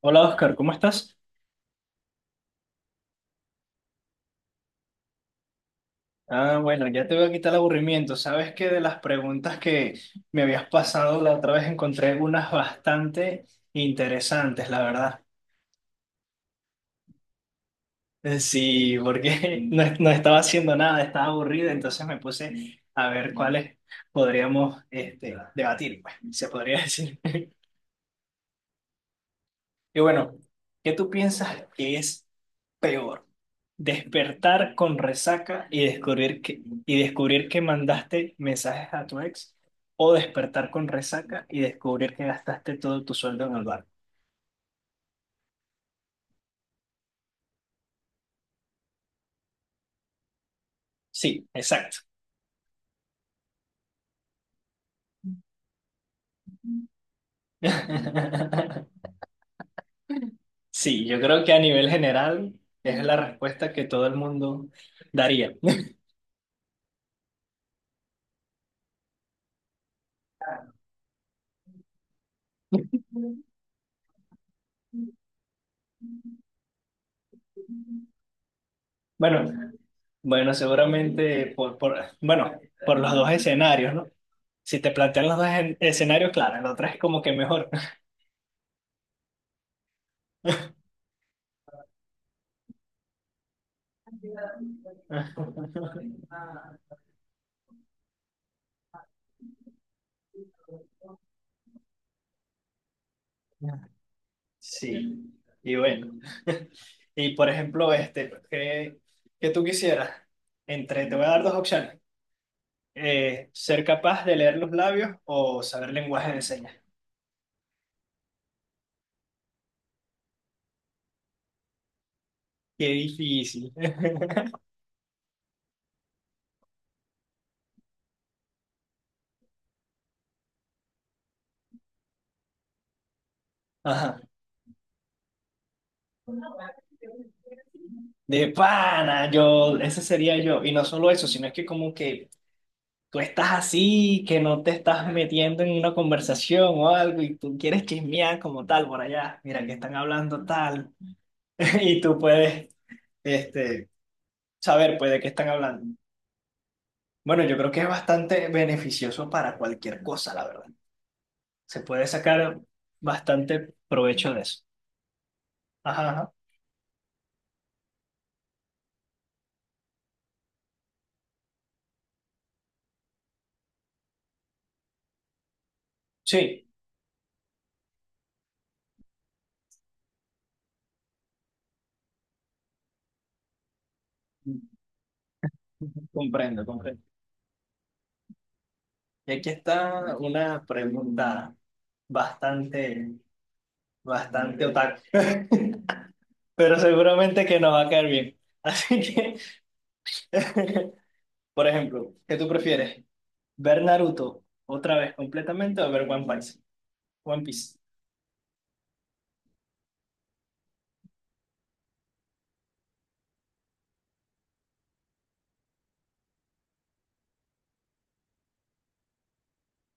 Hola Oscar, ¿cómo estás? Ah, bueno, ya te voy a quitar el aburrimiento. Sabes que de las preguntas que me habías pasado la otra vez encontré unas bastante interesantes, la verdad. Sí, porque no estaba haciendo nada, estaba aburrido, entonces me puse a ver cuáles podríamos debatir, pues, se podría decir. Y bueno, ¿qué tú piensas que es peor? ¿Despertar con resaca y descubrir que mandaste mensajes a tu ex? ¿O despertar con resaca y descubrir que gastaste todo tu sueldo en el bar? Sí, exacto. Sí, yo creo que a nivel general es la respuesta que todo el mundo daría. Bueno, bueno, seguramente por por los dos escenarios, ¿no? Si te plantean los dos escenarios, claro, el otro es como que mejor. Sí, y bueno. Y por ejemplo, pues, ¿qué tú quisieras? Entre, te voy a dar dos opciones. Ser capaz de leer los labios o saber lenguaje de señas. Qué difícil. Ajá. De pana, yo, ese sería yo. Y no solo eso, sino es que como que tú estás así, que no te estás metiendo en una conversación o algo y tú quieres chismear como tal por allá. Mira, que están hablando tal. Y tú puedes, este saber pues de qué están hablando. Bueno, yo creo que es bastante beneficioso para cualquier cosa, la verdad. Se puede sacar bastante provecho de eso. Ajá, ajá. Sí, comprendo, comprendo. Y aquí está una pregunta bastante, bastante otaku, pero seguramente que nos va a caer bien. Así que, por ejemplo, ¿qué tú prefieres? ¿Ver Naruto otra vez completamente o ver One Piece? One Piece.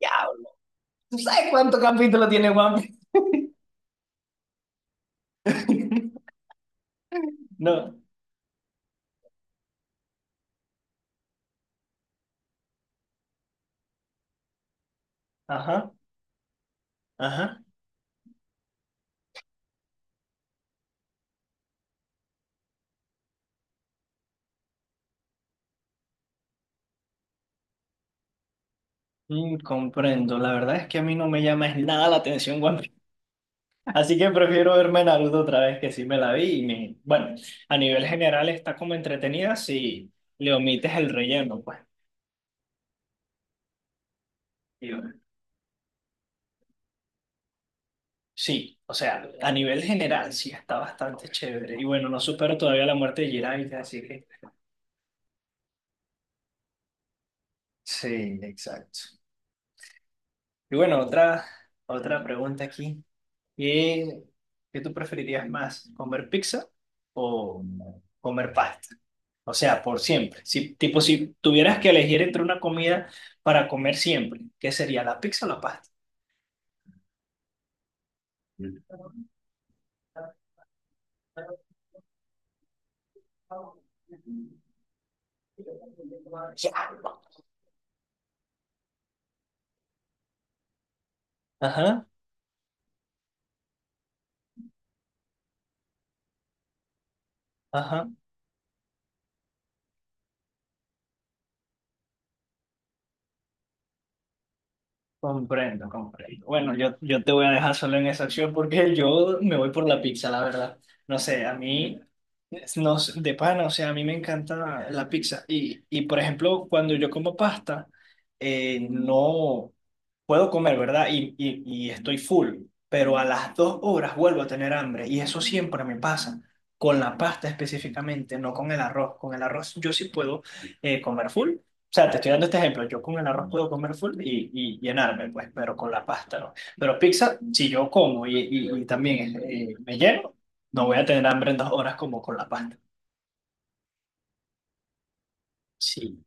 Diablo. ¿Tú sabes cuánto capítulo tiene One Piece? No, ajá, ajá. Mm, comprendo. La verdad es que a mí no me llama es nada la atención One Piece. Así que prefiero verme Naruto otra vez que sí me la vi. Y me... Bueno, a nivel general está como entretenida si le omites el relleno, pues. Y bueno, sí, o sea, a nivel general sí está bastante chévere. Y bueno, no supero todavía la muerte de Jiraiya, así que. Sí, exacto. Y bueno, otra pregunta aquí. ¿Qué, ¿qué tú preferirías más? ¿Comer pizza o comer pasta? O sea, por siempre. Si, tipo, si tuvieras que elegir entre una comida para comer siempre, ¿qué sería, la pizza o la pasta? Ajá, ajá. Comprendo, comprendo. Bueno, yo te voy a dejar solo en esa acción porque yo me voy por la pizza, la verdad. No sé, a mí, no, sé, de pana, o sea, a mí me encanta la pizza. Y por ejemplo, cuando yo como pasta, no puedo comer, ¿verdad? Y estoy full, pero a las dos horas vuelvo a tener hambre. Y eso siempre me pasa, con la pasta específicamente, no con el arroz. Con el arroz yo sí puedo comer full, o sea, te estoy dando este ejemplo. Yo con el arroz puedo comer full y llenarme, pues, pero con la pasta no. Pero pizza, si yo como y también me lleno, no voy a tener hambre en dos horas como con la pasta. Sí.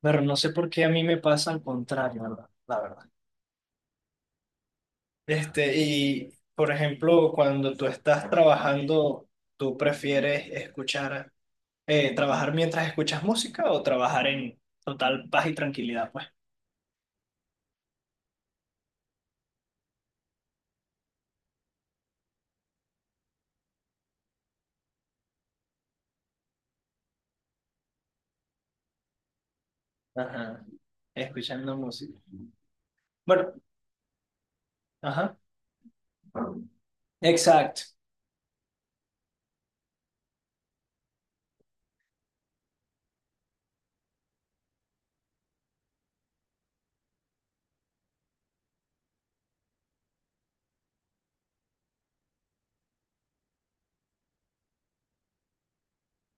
Pero no sé por qué a mí me pasa al contrario, la verdad. Este, y por ejemplo, cuando tú estás trabajando, ¿tú prefieres escuchar, trabajar mientras escuchas música o trabajar en total paz y tranquilidad, pues? Ajá. Escuchando música. Bueno, ajá. Exacto.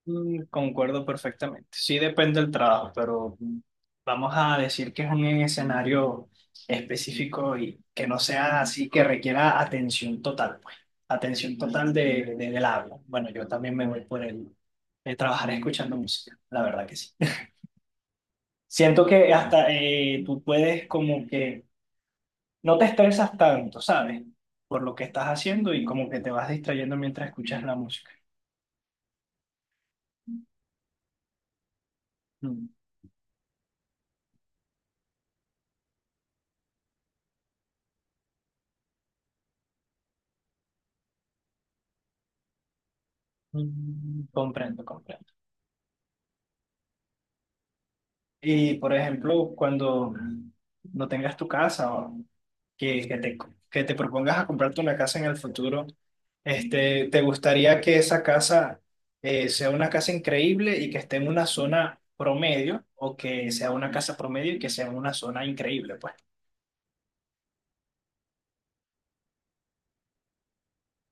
Mm, concuerdo perfectamente. Sí depende del trabajo, pero mm, vamos a decir que es un escenario específico y que no sea así, que requiera atención total, pues. Atención total del habla. Bueno, yo también me voy por el trabajar escuchando música, la verdad que sí. Siento que hasta tú puedes como que no te estresas tanto, ¿sabes? Por lo que estás haciendo y como que te vas distrayendo mientras escuchas la música. Mm, comprendo, comprendo. Y por ejemplo, cuando no tengas tu casa o que, que te, que te propongas a comprarte una casa en el futuro, ¿te gustaría que esa casa sea una casa increíble y que esté en una zona promedio o que sea una casa promedio y que sea en una zona increíble? Pues,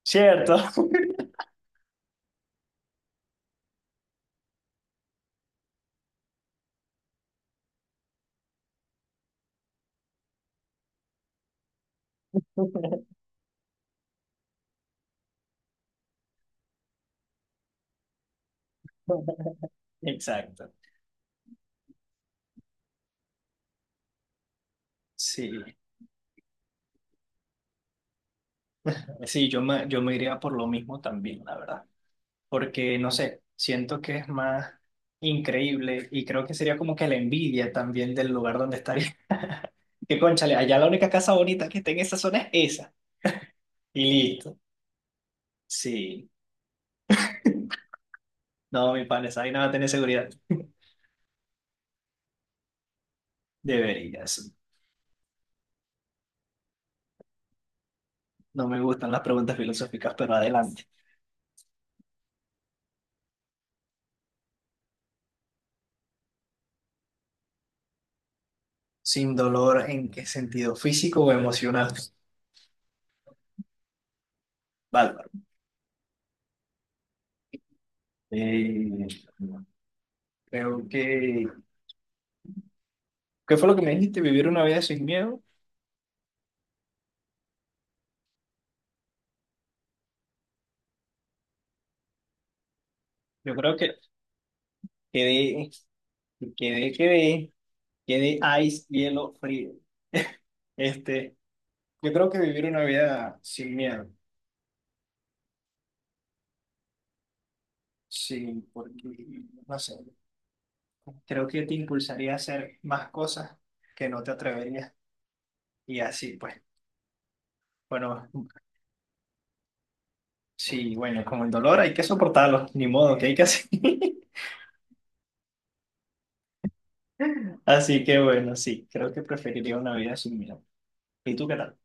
¿cierto? Exacto. Sí, sí, yo me iría por lo mismo también, la verdad. Porque no sé, siento que es más increíble y creo que sería como que la envidia también del lugar donde estaría. Que cónchale, allá la única casa bonita que está en esa zona es esa. Y listo. Sí. No, mi pan, esa vaina va a tener seguridad. Deberías. No me gustan las preguntas filosóficas, pero adelante. ¿Sin dolor en qué sentido? ¿Físico o emocional? Bárbaro. Eh, creo que... ¿Qué fue lo que me dijiste? ¿Vivir una vida sin miedo? Yo creo que quedé, quedé. Que de ice, hielo, frío. Este, yo creo que vivir una vida sin miedo, sí, porque, no sé, creo que te impulsaría a hacer más cosas que no te atreverías. Y así, pues, bueno, sí, bueno, como el dolor hay que soportarlo, ni modo, que hay que hacer? Así que bueno, sí, creo que preferiría una vida sin miedo. ¿Y tú qué tal?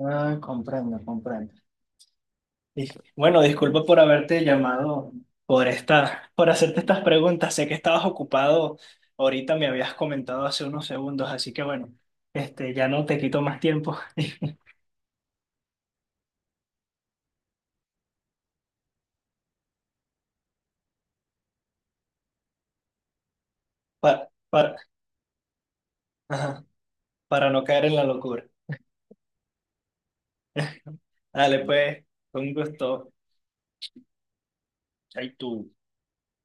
Ah, comprendo, comprendo. Bueno, disculpa por haberte llamado, por hacerte estas preguntas. Sé que estabas ocupado. Ahorita me habías comentado hace unos segundos, así que bueno, este, ya no te quito más tiempo. para, para, ajá, para no caer en la locura. Dale, pues, con gusto. Ahí tú.